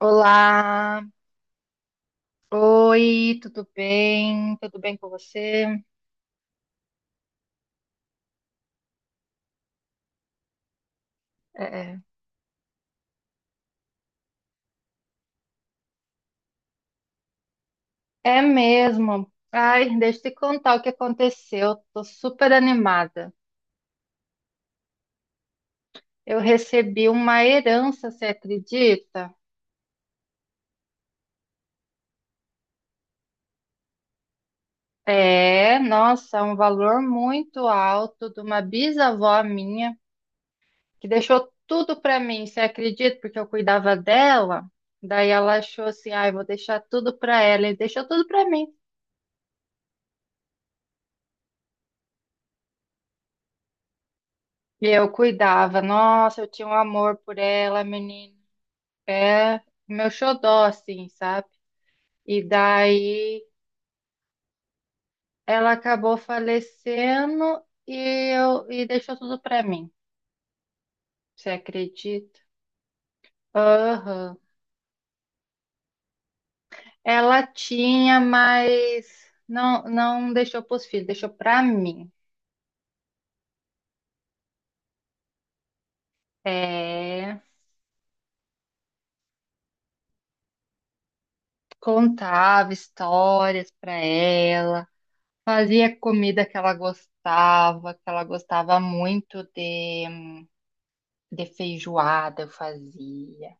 Olá, oi, tudo bem? Tudo bem com você? É, é mesmo. Ai, deixa eu te contar o que aconteceu. Tô super animada. Eu recebi uma herança, você acredita? É, nossa, um valor muito alto de uma bisavó minha que deixou tudo para mim, você acredita? Porque eu cuidava dela. Daí ela achou assim, ai, vou deixar tudo para ela e deixou tudo para mim. Eu cuidava. Nossa, eu tinha um amor por ela, menina. É meu xodó, assim, sabe? E daí ela acabou falecendo e deixou tudo pra mim. Você acredita? Aham. Ela tinha, mas não, não deixou pros filhos, deixou pra mim. É, contava histórias pra ela, fazia comida que ela gostava muito de. De feijoada eu fazia.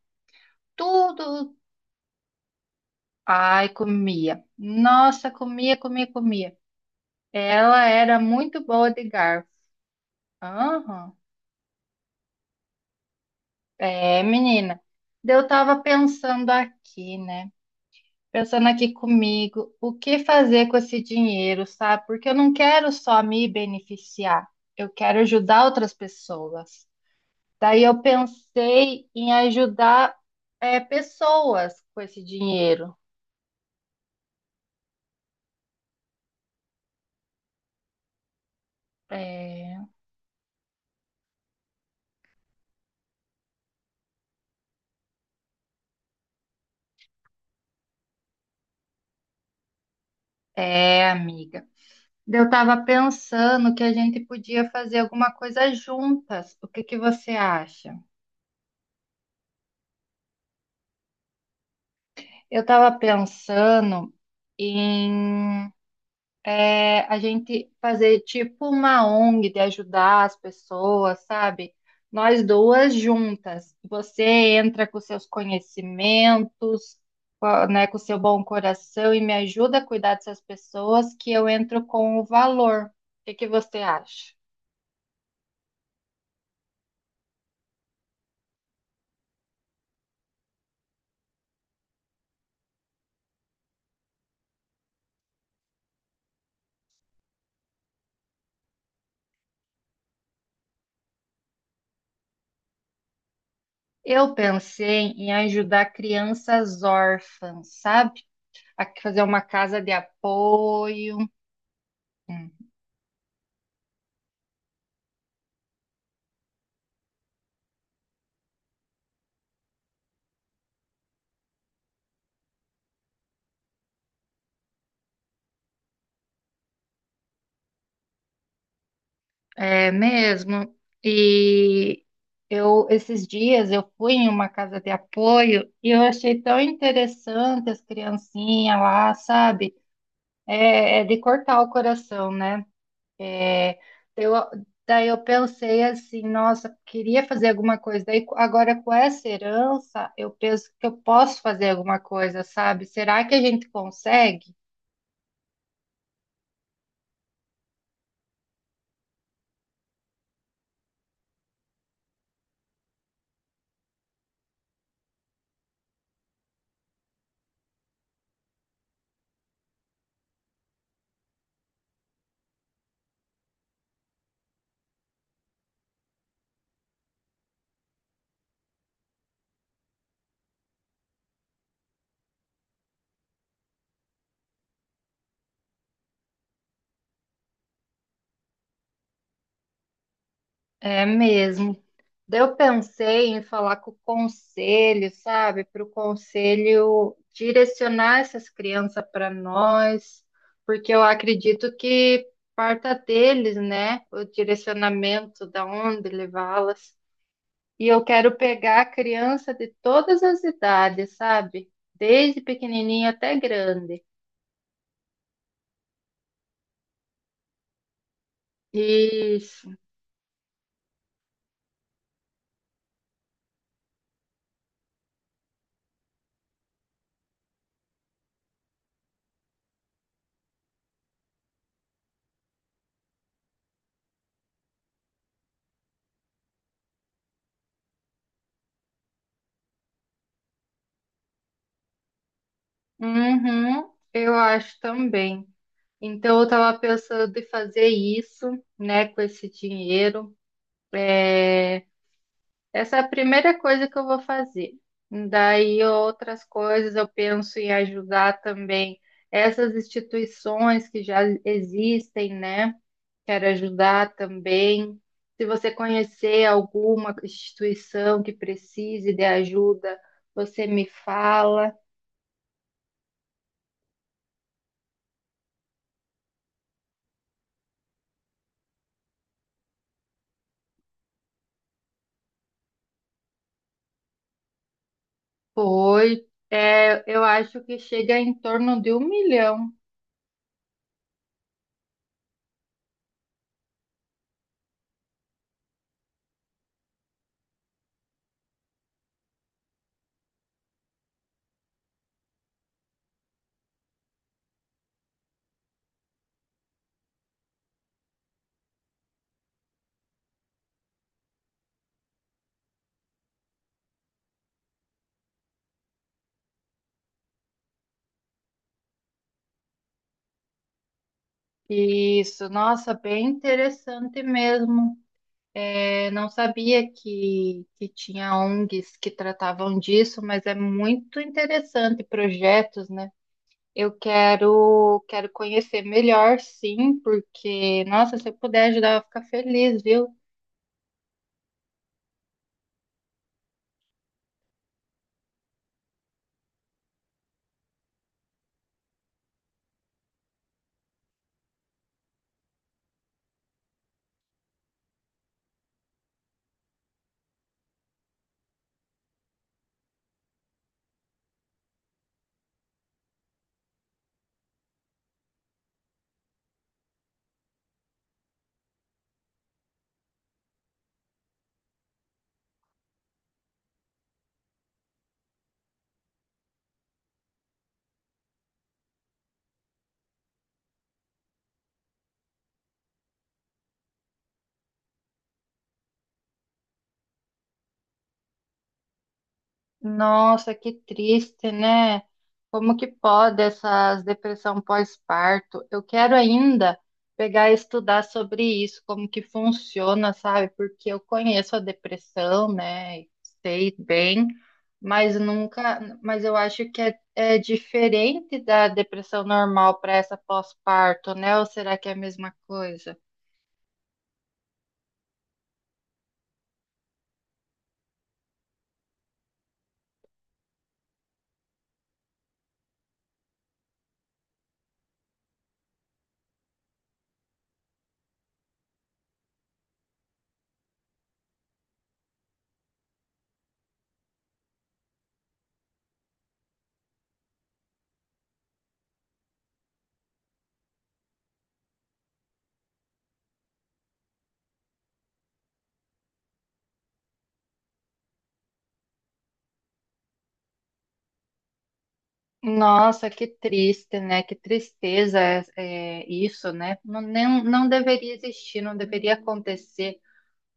Tudo. Ai, comia. Nossa, comia, comia, comia. Ela era muito boa de garfo. Aham. É, menina. Daí eu tava pensando aqui, né? Pensando aqui comigo, o que fazer com esse dinheiro, sabe? Porque eu não quero só me beneficiar, eu quero ajudar outras pessoas. Daí eu pensei em ajudar, é, pessoas com esse dinheiro. É, é, amiga. Eu estava pensando que a gente podia fazer alguma coisa juntas. O que que você acha? Eu estava pensando em a gente fazer tipo uma ONG de ajudar as pessoas, sabe? Nós duas juntas. Você entra com seus conhecimentos, né, com seu bom coração e me ajuda a cuidar dessas pessoas, que eu entro com o valor. O que que você acha? Eu pensei em ajudar crianças órfãs, sabe? A fazer uma casa de apoio. É mesmo. E eu esses dias eu fui em uma casa de apoio e eu achei tão interessante as criancinhas lá, sabe? É, é de cortar o coração, né? É, eu, daí eu pensei assim, nossa, queria fazer alguma coisa. Daí agora com essa herança, eu penso que eu posso fazer alguma coisa, sabe? Será que a gente consegue? É mesmo. Daí eu pensei em falar com o conselho, sabe? Para o conselho direcionar essas crianças para nós, porque eu acredito que parta deles, né? O direcionamento da onde levá-las. E eu quero pegar a criança de todas as idades, sabe? Desde pequenininho até grande. Isso. Uhum, eu acho também. Então, eu estava pensando em fazer isso, né, com esse dinheiro. É, essa é a primeira coisa que eu vou fazer. Daí, outras coisas eu penso em ajudar também essas instituições que já existem, né? Quero ajudar também. Se você conhecer alguma instituição que precise de ajuda, você me fala. Foi. É, eu acho que chega em torno de 1 milhão. Isso, nossa, bem interessante mesmo. Eu não sabia que tinha ONGs que tratavam disso, mas é muito interessante projetos, né? Eu quero, quero conhecer melhor, sim, porque, nossa, se eu puder ajudar, eu vou ficar feliz, viu? Nossa, que triste, né? Como que pode essas depressão pós-parto? Eu quero ainda pegar e estudar sobre isso, como que funciona, sabe? Porque eu conheço a depressão, né? Sei bem, mas nunca, mas eu acho que é, é diferente da depressão normal para essa pós-parto, né? Ou será que é a mesma coisa? Nossa, que triste, né? Que tristeza é, é isso, né? Não, não deveria existir, não deveria acontecer.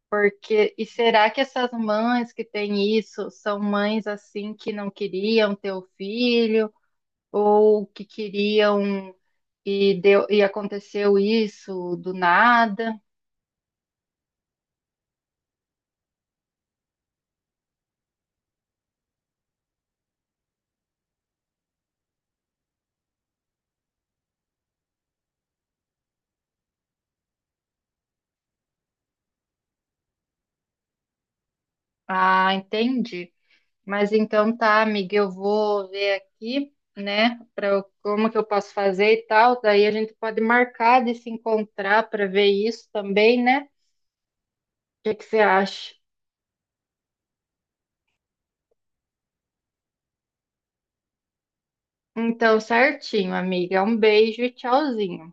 Porque, e será que essas mães que têm isso são mães assim que não queriam ter o filho ou que queriam e deu, e aconteceu isso do nada? Ah, entendi. Mas então tá, amiga, eu vou ver aqui, né, para como que eu posso fazer e tal. Daí a gente pode marcar de se encontrar para ver isso também, né? O que que você acha? Então, certinho, amiga. Um beijo e tchauzinho.